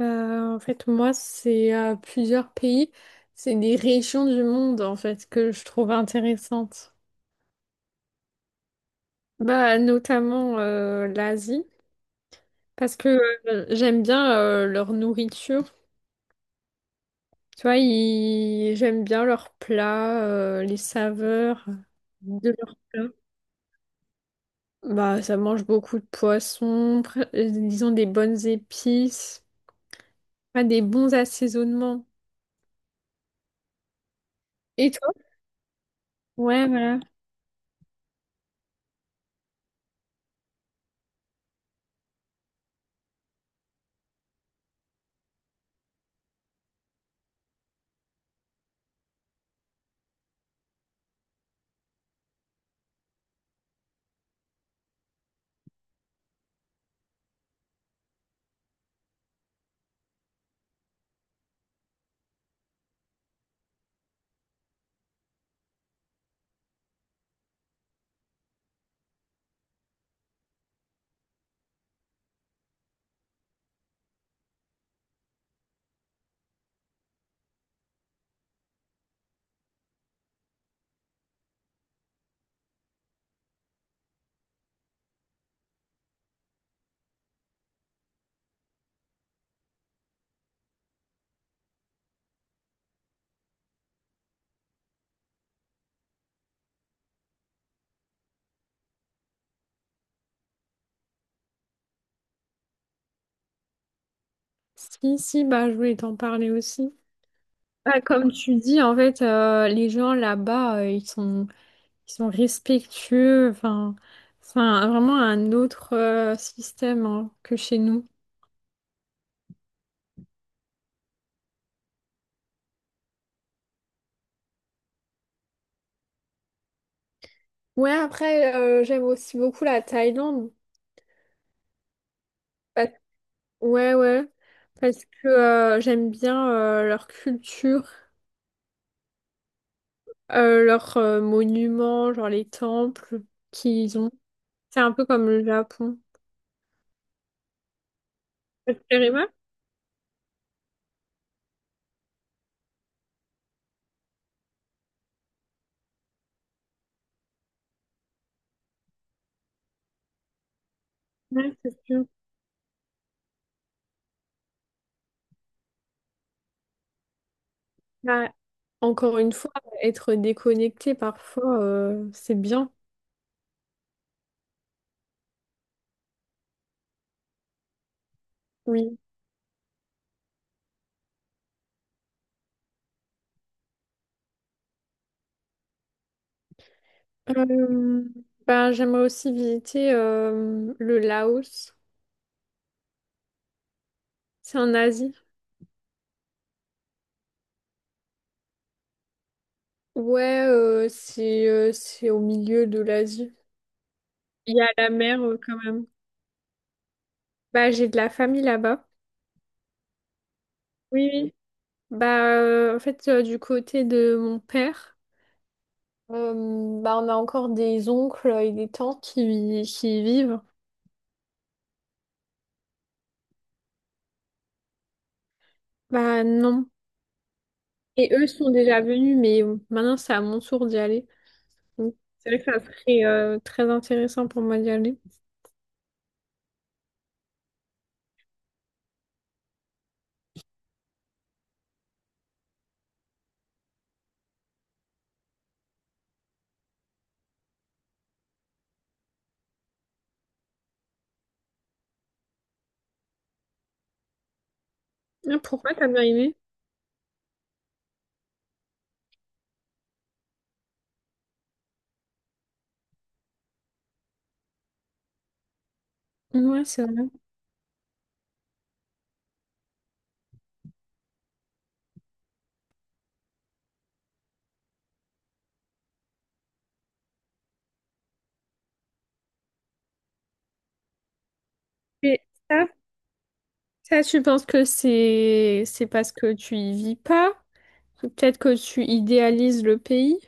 En fait, moi, c'est plusieurs pays, c'est des régions du monde, en fait, que je trouve intéressantes. Bah, notamment l'Asie, parce que j'aime bien leur nourriture. Tu vois, j'aime bien leurs plats, les saveurs de leurs plats. Bah, ça mange beaucoup de poissons, ils ont des bonnes épices, ah, des bons assaisonnements. Et toi? Ouais, voilà. Si, si, bah, je voulais t'en parler aussi. Ah, comme tu dis, en fait, les gens là-bas, ils sont respectueux. Enfin, c'est vraiment un autre système, hein, que chez nous. Ouais, après, j'aime aussi beaucoup la Thaïlande. Parce- Ouais, ouais. Parce que j'aime bien leur culture, euh, leurs monuments, genre les temples qu'ils ont. C'est un peu comme le Japon. Ça te plairait pas? Ouais, c'est sûr. Bah, encore une fois, être déconnecté parfois, c'est bien, oui. Euh, bah, j'aimerais aussi visiter le Laos. C'est en Asie. Ouais, c'est au milieu de l'Asie. Il y a la mer quand même. Bah, j'ai de la famille là-bas. Oui, oui. Bah, en fait, du côté de mon père, euh, bah, on a encore des oncles et des tantes qui y vivent. Bah, non. Et eux sont déjà venus, mais maintenant c'est à mon tour d'y aller. Donc c'est vrai que ça serait très intéressant pour moi d'y aller. Ah, pourquoi t'as bien aimé? Ouais, c'est vrai. Et ça, ça, tu penses que c'est parce que tu y vis pas? Peut-être que tu idéalises le pays?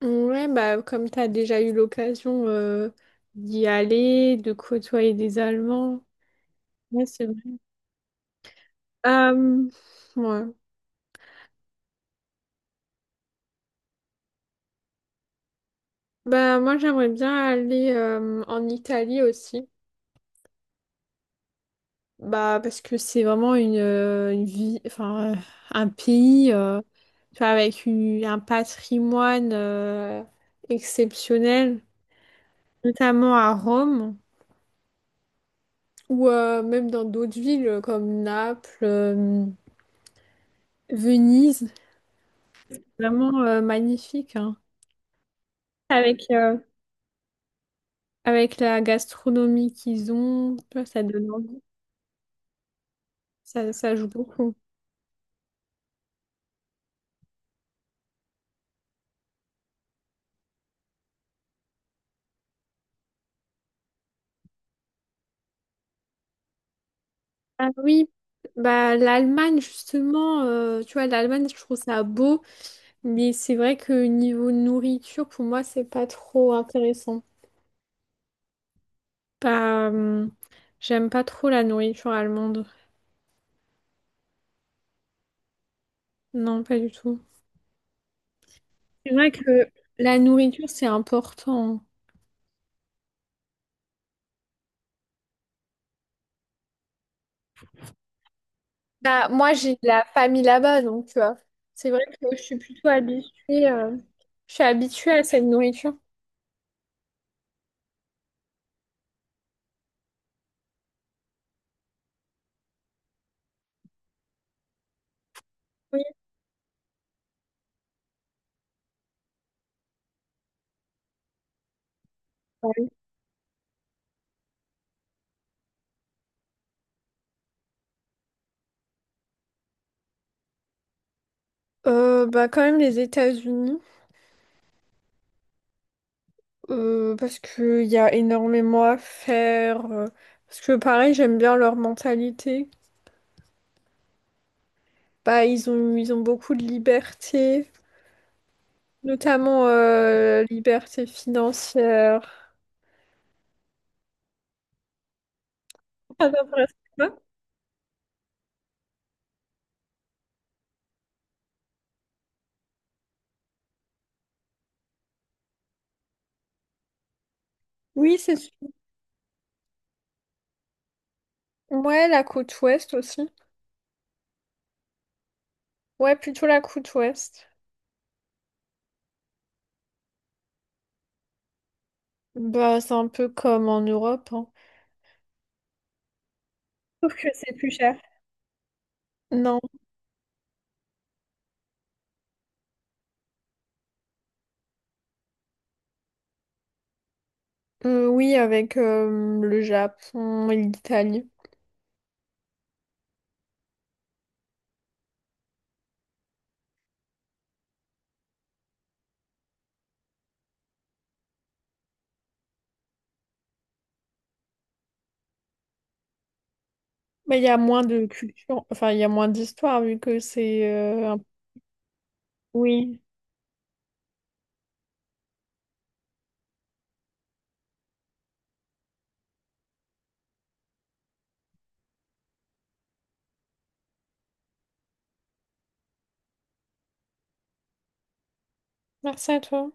Ouais, bah comme t'as déjà eu l'occasion d'y aller, de côtoyer des Allemands. Ouais, c'est vrai. Euh, ouais. Bah moi j'aimerais bien aller en Italie aussi. Bah, parce que c'est vraiment une, vie, enfin, un pays, tu vois, avec un patrimoine exceptionnel, notamment à Rome ou même dans d'autres villes comme Naples, Venise. Vraiment magnifique, hein. Avec, avec la gastronomie qu'ils ont, tu vois, ça donne envie, ça joue beaucoup. Ah oui, bah, l'Allemagne, justement, tu vois, l'Allemagne, je trouve ça beau. Mais c'est vrai que niveau nourriture, pour moi, c'est pas trop intéressant. Pas, J'aime pas trop la nourriture allemande. Non, pas du tout. C'est vrai que la nourriture, c'est important. Bah, moi, j'ai de la famille là-bas, donc tu vois. C'est vrai que je suis plutôt habituée, je suis habituée à cette nourriture. Oui. Bah quand même les États-Unis, parce qu'il y a énormément à faire, parce que pareil j'aime bien leur mentalité. Bah, ils ont beaucoup de liberté, notamment liberté financière. Ça t'intéresse pas? Oui, c'est sûr. Ouais, la côte ouest aussi. Ouais, plutôt la côte ouest. Bah, c'est un peu comme en Europe, hein. Sauf que c'est plus cher. Non. Oui, avec le Japon et l'Italie. Mais il y a moins de culture, enfin, il y a moins d'histoire vu que c'est... Oui. Merci à toi.